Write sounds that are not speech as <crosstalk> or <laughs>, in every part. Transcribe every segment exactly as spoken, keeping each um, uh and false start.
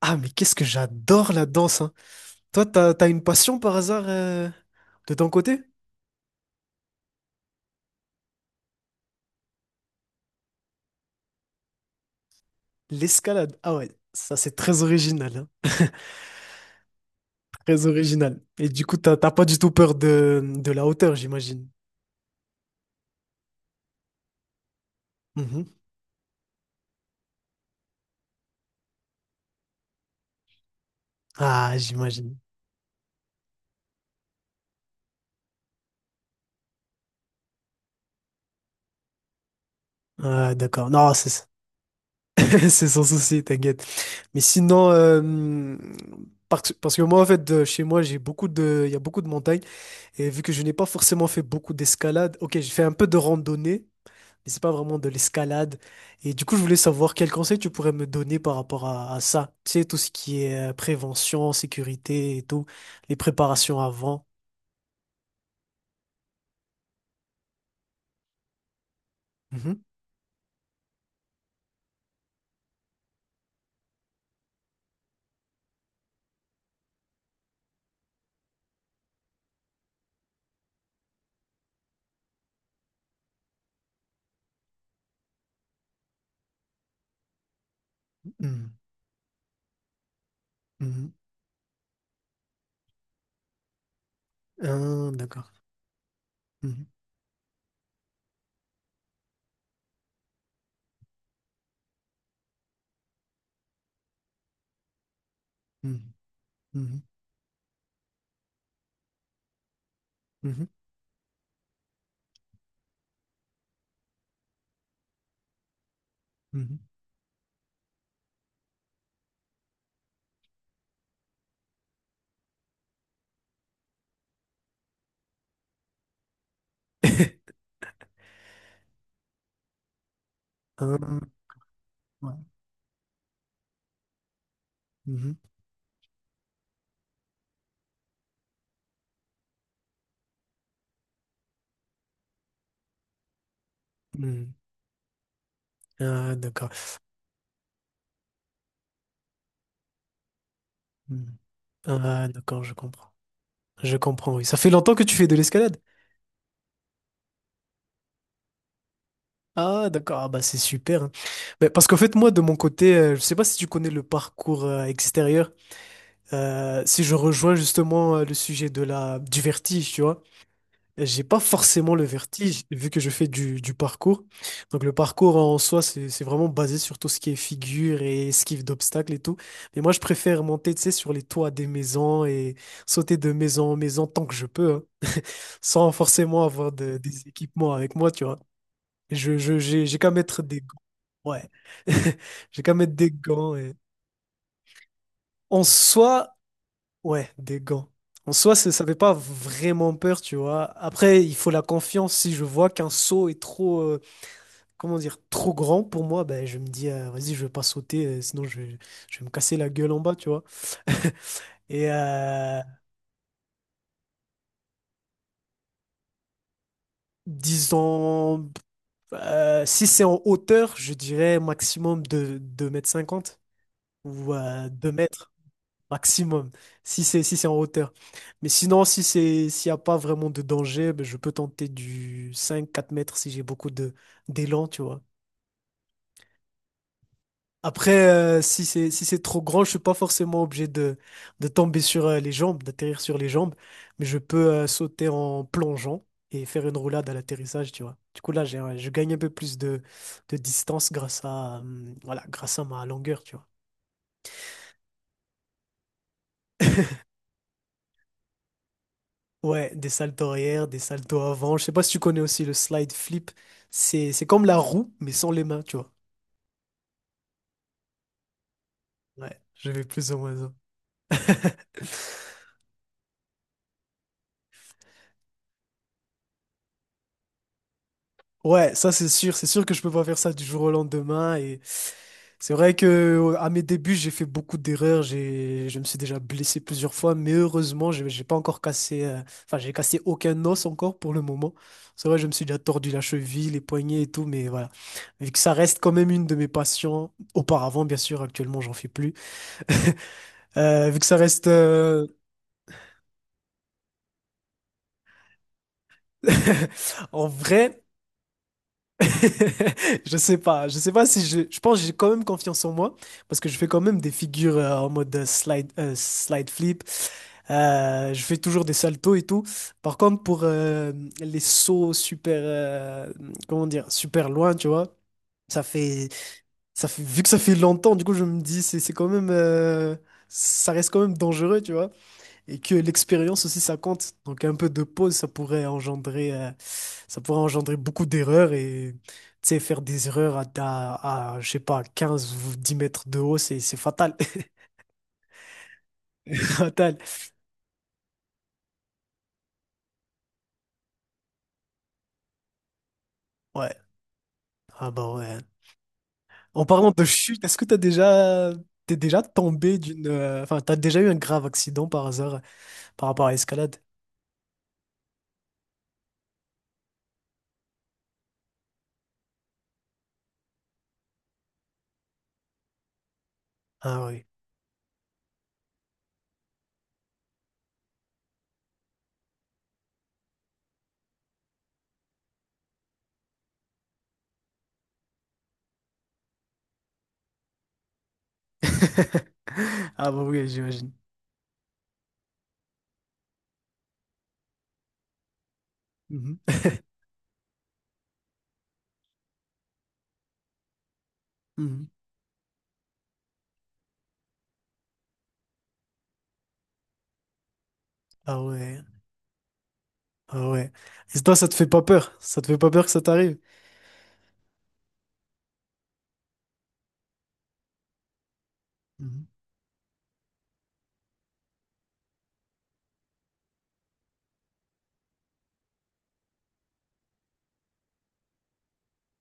Ah, mais qu'est-ce que j'adore la danse, hein. Toi, t'as, t'as une passion par hasard euh, de ton côté? L'escalade. Ah ouais, ça c'est très original, hein. <laughs> Très original. Et du coup, t'as t'as pas du tout peur de, de la hauteur, j'imagine. Mhm. Ah, j'imagine. Ah, d'accord. Non, c'est ça. <laughs> C'est sans souci, t'inquiète. Mais sinon, euh, parce, parce que moi, en fait, de- chez moi, j'ai beaucoup de, il y a beaucoup de montagnes. Et vu que je n'ai pas forcément fait beaucoup d'escalade, ok, j'ai fait un peu de randonnée, mais c'est pas vraiment de l'escalade. Et du coup, je voulais savoir quel conseil tu pourrais me donner par rapport à, à ça. Tu sais, tout ce qui est euh, prévention, sécurité et tout, les préparations avant. Mhm, mhm, mhm. Ah, d'accord. Mhm, mhm, mhm, mhm, mhm. <laughs> Ah, ouais. Mhm, mhm. Ah, d'accord. Mhm. Ah, d'accord, je comprends. Je comprends, oui. Ça fait longtemps que tu fais de l'escalade? Ah, d'accord, ah, bah, c'est super, hein. Mais parce qu'en fait, moi, de mon côté, euh, je sais pas si tu connais le parcours euh, extérieur. Euh, si je rejoins justement euh, le sujet de la, du vertige, tu vois, j'ai pas forcément le vertige vu que je fais du, du parcours. Donc, le parcours en soi, c'est, c'est vraiment basé sur tout ce qui est figure et esquive d'obstacles et tout. Mais moi, je préfère monter, tu sais, sur les toits des maisons et sauter de maison en maison tant que je peux, hein, sans forcément avoir de- des équipements avec moi, tu vois. Je, je, j'ai, j'ai qu'à mettre des gants. Ouais. <laughs> J'ai qu'à mettre des gants. Et... En soi, ouais, des gants. En soi, c'est- ça fait pas vraiment peur, tu vois. Après, il faut la confiance. Si je vois qu'un saut est trop, euh, comment dire, trop grand pour moi, ben, je me dis, euh, vas-y, je vais pas sauter, euh, sinon je, vais- je vais me casser la gueule en bas, tu vois. Et euh, disons, euh, si c'est en hauteur, je dirais maximum de deux mètres cinquante ou euh, deux mètres. Maximum, si c'est si c'est en hauteur. Mais sinon, si c'est s'il n'y a pas vraiment de danger, ben, je peux tenter du cinq quatre mètres si j'ai beaucoup de d'élan, tu vois. Après, euh, si c'est si c'est trop grand, je suis pas forcément obligé de, de tomber sur euh, les jambes, d'atterrir sur les jambes, mais je peux euh, sauter en plongeant et faire une roulade à l'atterrissage, tu vois. Du coup, là, j'ai, un- je gagne un peu plus de, de distance grâce à, euh, voilà, grâce à ma longueur, tu vois. Ouais, des saltos arrière, des saltos avant. Je sais pas si tu connais aussi le slide flip. C'est, c'est comme la roue, mais sans les mains, tu vois. Ouais, je vais plus ou moins ça. <laughs> Ouais, ça c'est sûr. C'est sûr que je peux pas faire ça du jour au lendemain. Et c'est vrai que euh, à mes débuts, j'ai fait beaucoup d'erreurs. J'ai, je me suis déjà blessé plusieurs fois, mais heureusement, j'ai j'ai pas encore cassé. euh, Enfin, j'ai cassé aucun os encore pour le moment. C'est vrai, je me suis déjà tordu la cheville, les poignets et tout, mais voilà. Vu que ça reste quand même une de mes passions. Auparavant, bien sûr, actuellement, j'en fais plus. <laughs> Euh, vu que ça reste euh, <laughs> en vrai, <laughs> je sais pas, je sais pas si je, je pense que j'ai quand même confiance en moi parce que je fais quand même des figures euh, en mode euh, slide euh, slide flip. Euh, je fais toujours des saltos et tout. Par contre, pour euh, les sauts super euh, comment dire, super loin, tu vois, ça fait ça fait vu que ça fait longtemps, du coup je me dis c'est c'est quand même euh, ça reste quand même dangereux, tu vois. Et que l'expérience aussi ça compte. Donc un peu de pause, ça pourrait engendrer, euh, ça pourrait engendrer beaucoup d'erreurs. Et tu sais, faire des erreurs à, à, à, je sais pas, quinze, ou dix mètres de haut, c'est c'est fatal. <laughs> Fatal. Ouais. Ah bah ouais. En parlant de chute, est-ce que t'as déjà t'es déjà tombé d'une euh, enfin t'as déjà eu un grave accident par hasard par rapport à l'escalade? Ah oui. <laughs> Ah bah oui, j'imagine. Mhm. <laughs> Mhm. Ah ouais. Ah ouais. Et toi, ça te fait pas peur? Ça te fait pas peur que ça t'arrive? Mhm.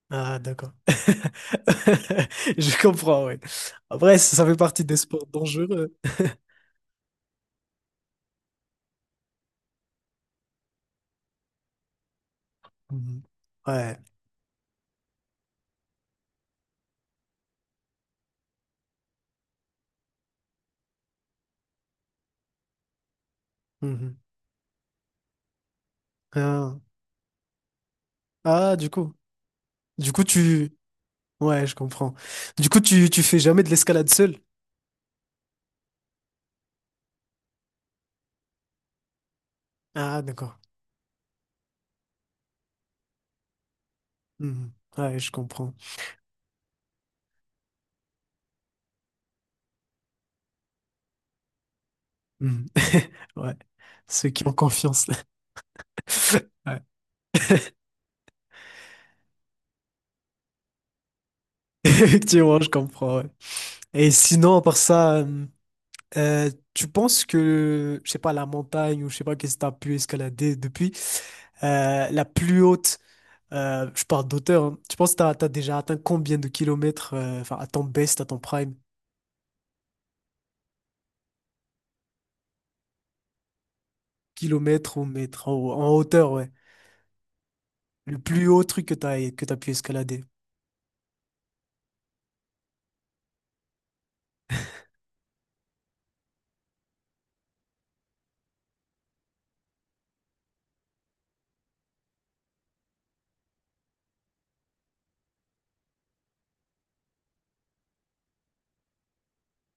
Ah, d'accord. <laughs> Je comprends, ouais. Après, ça ça fait partie des sports dangereux. <laughs> Mhm. Ouais. Mhm. Ah. Ah, du coup. Du coup, tu... Ouais, je comprends. Du coup, tu, tu fais jamais de l'escalade seul? Ah, d'accord. Mhm. Ouais, je comprends. Mhm. <laughs> Ouais. Ceux qui ont confiance. <laughs> Ouais. <laughs> Effectivement, je comprends, ouais. Et sinon, à part ça... hum, Euh, tu penses que, je sais pas, la montagne ou je sais pas qu'est-ce que t'as pu escalader depuis, euh, la plus haute, euh, je parle d'auteur, hein, tu penses que t'as, t'as déjà atteint combien de kilomètres, euh, enfin, à ton best, à ton prime, kilomètres ou mètres, en, en hauteur, ouais. Le plus haut truc que t'as, que t'as pu escalader.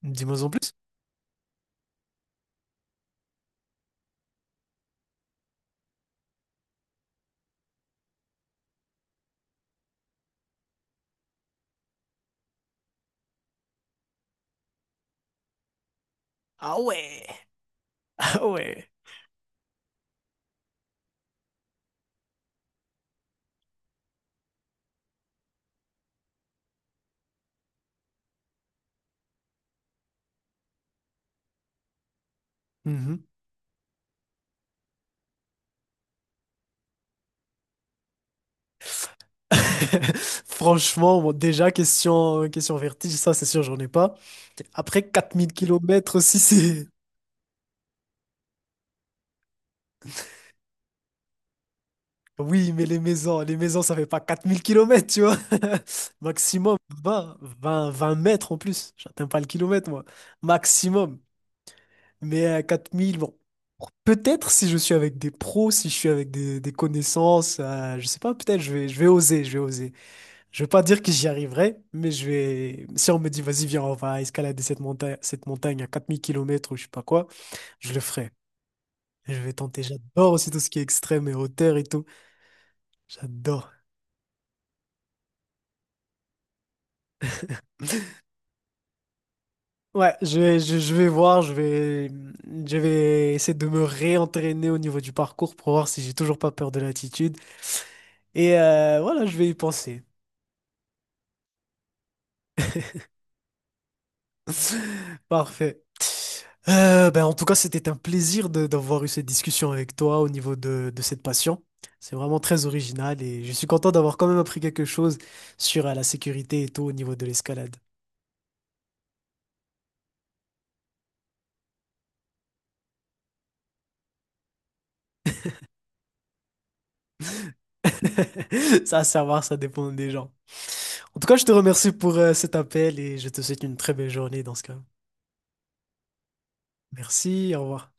Dis-moi en plus. Ah ouais, <laughs> ah ouais. Mhm. <laughs> Franchement, bon, déjà, question, question vertige, ça c'est sûr, j'en ai pas. Après quatre mille kilomètres aussi, c'est... Oui, mais les maisons, les maisons, ça fait pas quatre mille kilomètres, tu vois. <laughs> Maximum vingt, vingt, vingt mètres en plus. J'atteins pas le kilomètre, moi. Maximum. Mais à quatre mille, bon. Peut-être si je suis avec des pros, si je suis avec des, des connaissances, euh, je sais pas, peut-être je vais, je vais oser, je vais oser. Je vais pas dire que j'y arriverai, mais je vais. Si on me dit, vas-y, viens, on va escalader cette montagne, cette montagne à quatre mille kilomètres ou je sais pas quoi, je le ferai. Je vais tenter. J'adore aussi tout ce qui est extrême et hauteur et tout. J'adore. Ouais, je vais, je, je vais voir, je vais, je vais essayer de me réentraîner au niveau du parcours pour voir si j'ai toujours pas peur de l'altitude. Et euh, voilà, je vais y penser. <laughs> Parfait. Euh, ben, en tout cas, c'était un plaisir de- d'avoir eu cette discussion avec toi au niveau de, de cette passion. C'est vraiment très original et je suis content d'avoir quand même appris quelque chose sur euh, la sécurité et tout au niveau de l'escalade. <laughs> Ça, à savoir, ça dépend des gens. En tout cas, je te remercie pour euh, cet appel et je te souhaite une très belle journée dans ce cas. Merci, au revoir.